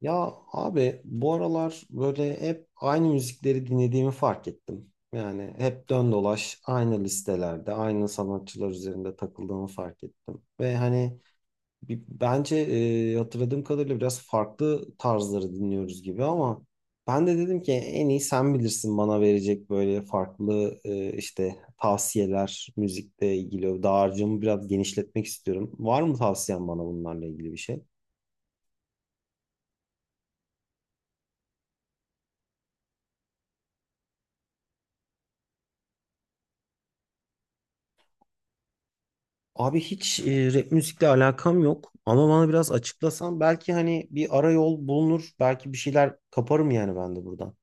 Ya abi bu aralar böyle hep aynı müzikleri dinlediğimi fark ettim. Yani hep dön dolaş aynı listelerde, aynı sanatçılar üzerinde takıldığımı fark ettim. Ve hani bence hatırladığım kadarıyla biraz farklı tarzları dinliyoruz gibi ama ben de dedim ki en iyi sen bilirsin bana verecek böyle farklı işte tavsiyeler müzikle ilgili. Dağarcığımı biraz genişletmek istiyorum. Var mı tavsiyen bana bunlarla ilgili bir şey? Abi hiç rap müzikle alakam yok ama bana biraz açıklasan belki hani bir ara yol bulunur belki bir şeyler kaparım yani ben de buradan.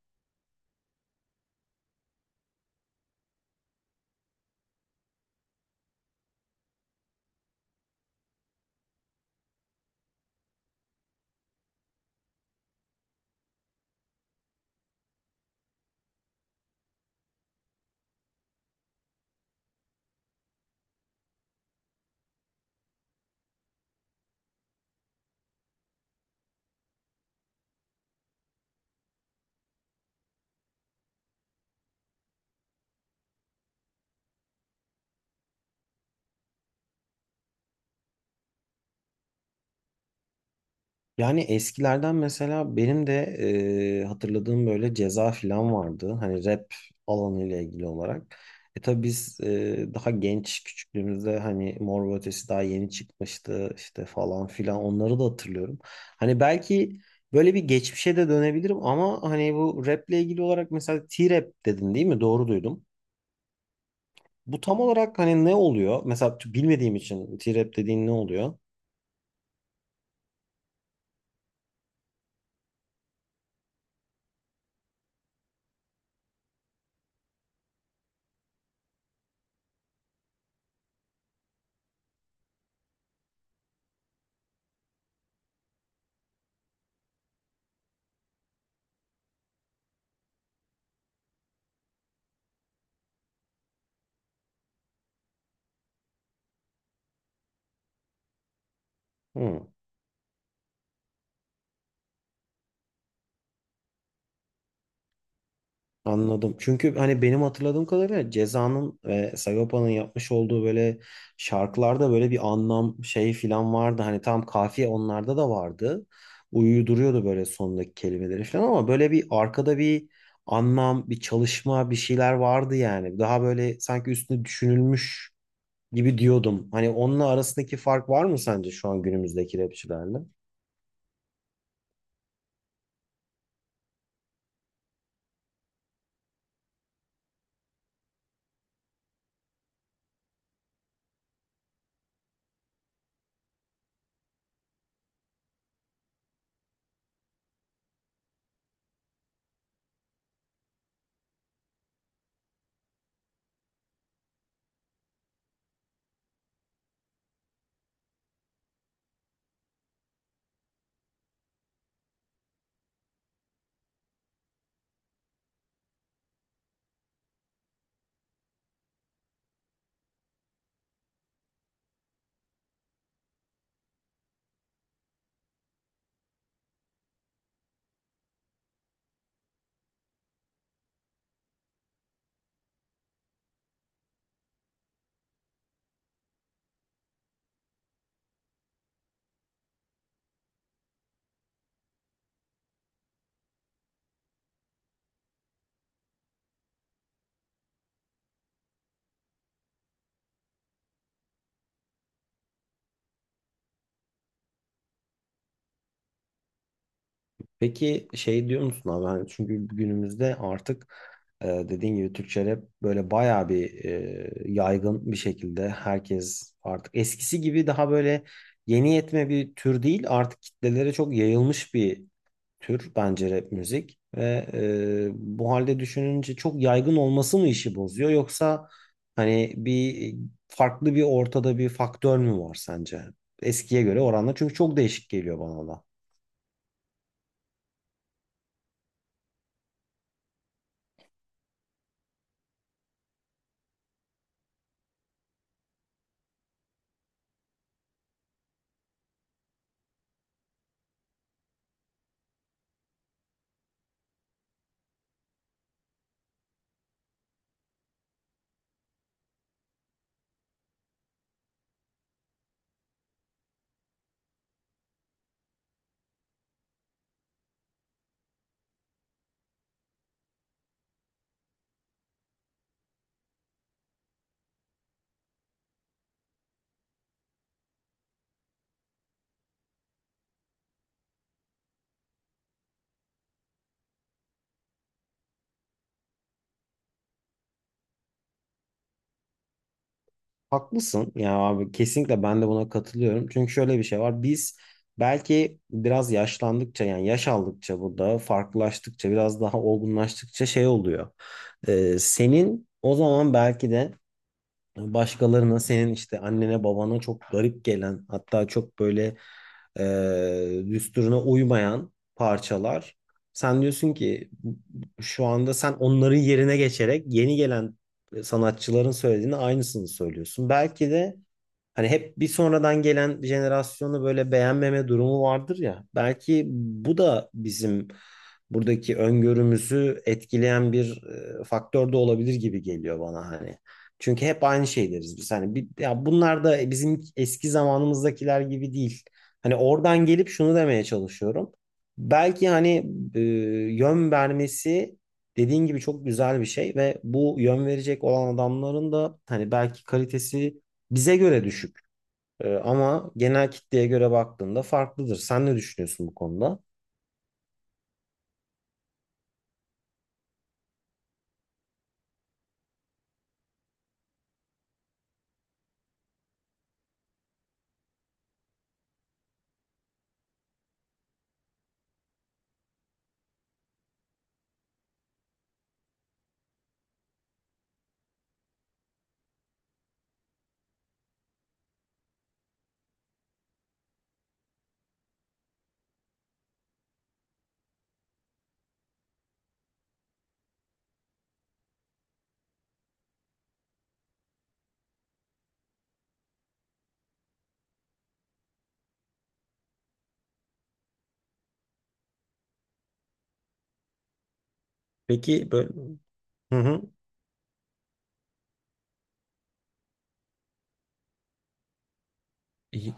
Yani eskilerden mesela benim de hatırladığım böyle Ceza falan vardı hani rap alanıyla ilgili olarak. E tabi biz daha genç küçüklüğümüzde hani Mor ve Ötesi daha yeni çıkmıştı işte falan filan onları da hatırlıyorum. Hani belki böyle bir geçmişe de dönebilirim ama hani bu raple ilgili olarak mesela T-Rap dedin değil mi? Doğru duydum. Bu tam olarak hani ne oluyor? Mesela bilmediğim için T-Rap dediğin ne oluyor? Hı, anladım. Çünkü hani benim hatırladığım kadarıyla Ceza'nın ve Sagopa'nın yapmış olduğu böyle şarkılarda böyle bir anlam şey filan vardı. Hani tam kafiye onlarda da vardı. Uyuduruyordu böyle sondaki kelimeleri filan ama böyle bir arkada bir anlam, bir çalışma, bir şeyler vardı yani. Daha böyle sanki üstüne düşünülmüş gibi diyordum. Hani onunla arasındaki fark var mı sence şu an günümüzdeki rapçilerle? Peki şey diyor musun abi? Hani çünkü günümüzde artık dediğin gibi Türkçe rap böyle bayağı bir yaygın bir şekilde herkes artık eskisi gibi daha böyle yeni yetme bir tür değil artık kitlelere çok yayılmış bir tür bence rap müzik ve bu halde düşününce çok yaygın olması mı işi bozuyor yoksa hani bir farklı bir ortada bir faktör mü var sence eskiye göre oranla çünkü çok değişik geliyor bana da. Haklısın ya abi kesinlikle ben de buna katılıyorum. Çünkü şöyle bir şey var. Biz belki biraz yaşlandıkça yani yaş aldıkça burada farklılaştıkça biraz daha olgunlaştıkça şey oluyor. Senin o zaman belki de başkalarına senin işte annene babana çok garip gelen hatta çok böyle düsturuna uymayan parçalar. Sen diyorsun ki şu anda sen onların yerine geçerek yeni gelen sanatçıların söylediğini aynısını söylüyorsun. Belki de hani hep bir sonradan gelen jenerasyonu böyle beğenmeme durumu vardır ya. Belki bu da bizim buradaki öngörümüzü etkileyen bir faktör de olabilir gibi geliyor bana hani. Çünkü hep aynı şey deriz biz. Hani bir, ya bunlar da bizim eski zamanımızdakiler gibi değil. Hani oradan gelip şunu demeye çalışıyorum. Belki hani e, yön vermesi dediğin gibi çok güzel bir şey ve bu yön verecek olan adamların da hani belki kalitesi bize göre düşük. Ama genel kitleye göre baktığında farklıdır. Sen ne düşünüyorsun bu konuda? Peki böyle. Hı hı. İyi.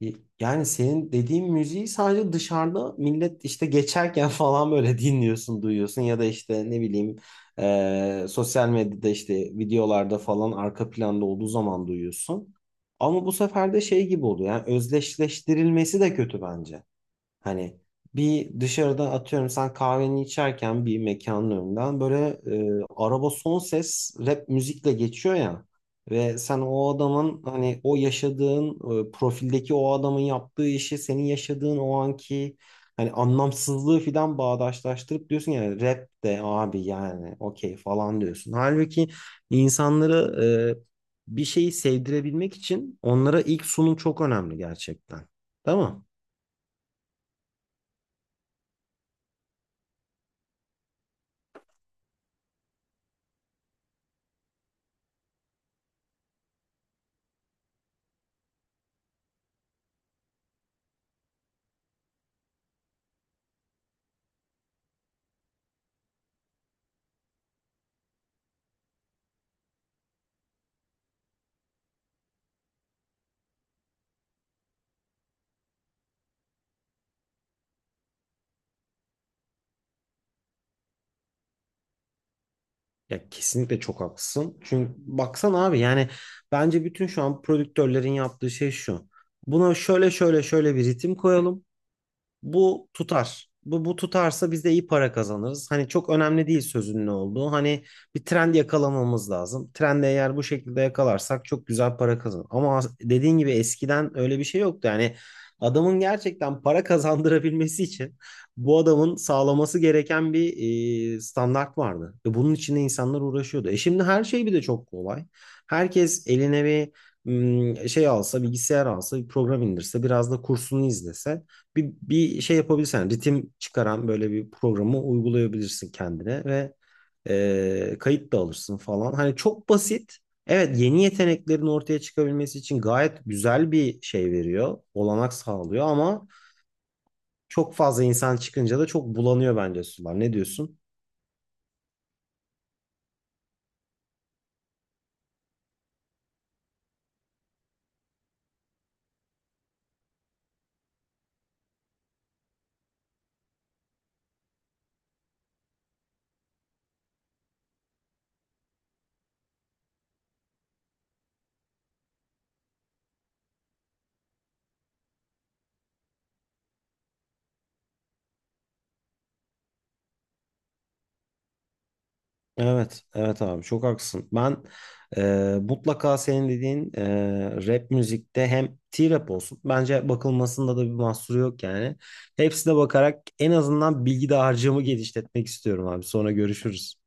İyi. Yani senin dediğin müziği sadece dışarıda millet işte geçerken falan böyle dinliyorsun, duyuyorsun ya da işte ne bileyim sosyal medyada işte videolarda falan arka planda olduğu zaman duyuyorsun. Ama bu sefer de şey gibi oluyor. Yani özdeşleştirilmesi de kötü bence. Hani bir dışarıda atıyorum sen kahveni içerken bir mekanın önünden böyle araba son ses rap müzikle geçiyor ya ve sen o adamın hani o yaşadığın profildeki o adamın yaptığı işi senin yaşadığın o anki hani anlamsızlığı filan bağdaşlaştırıp diyorsun yani rap de abi yani okey falan diyorsun. Halbuki insanları bir şeyi sevdirebilmek için onlara ilk sunum çok önemli gerçekten. Değil mi? Ya kesinlikle çok haklısın. Çünkü baksana abi yani bence bütün şu an prodüktörlerin yaptığı şey şu. Buna şöyle şöyle şöyle bir ritim koyalım bu tutar. Bu tutarsa biz de iyi para kazanırız. Hani çok önemli değil sözün ne olduğu. Hani bir trend yakalamamız lazım. Trendi eğer bu şekilde yakalarsak çok güzel para kazanır. Ama dediğin gibi eskiden öyle bir şey yoktu. Yani adamın gerçekten para kazandırabilmesi için bu adamın sağlaması gereken bir standart vardı. Ve bunun içinde insanlar uğraşıyordu. E şimdi her şey bir de çok kolay. Herkes eline bir şey alsa, bilgisayar alsa, bir program indirse, biraz da kursunu izlese bir şey yapabilirsen ritim çıkaran böyle bir programı uygulayabilirsin kendine ve kayıt da alırsın falan. Hani çok basit. Evet, yeni yeteneklerin ortaya çıkabilmesi için gayet güzel bir şey veriyor, olanak sağlıyor ama çok fazla insan çıkınca da çok bulanıyor bence sular. Ne diyorsun? Evet, evet abi çok haklısın. Ben mutlaka senin dediğin rap müzikte hem T-rap olsun. Bence bakılmasında da bir mahsuru yok yani. Hepsine bakarak en azından bilgi dağarcığımı genişletmek istiyorum abi. Sonra görüşürüz.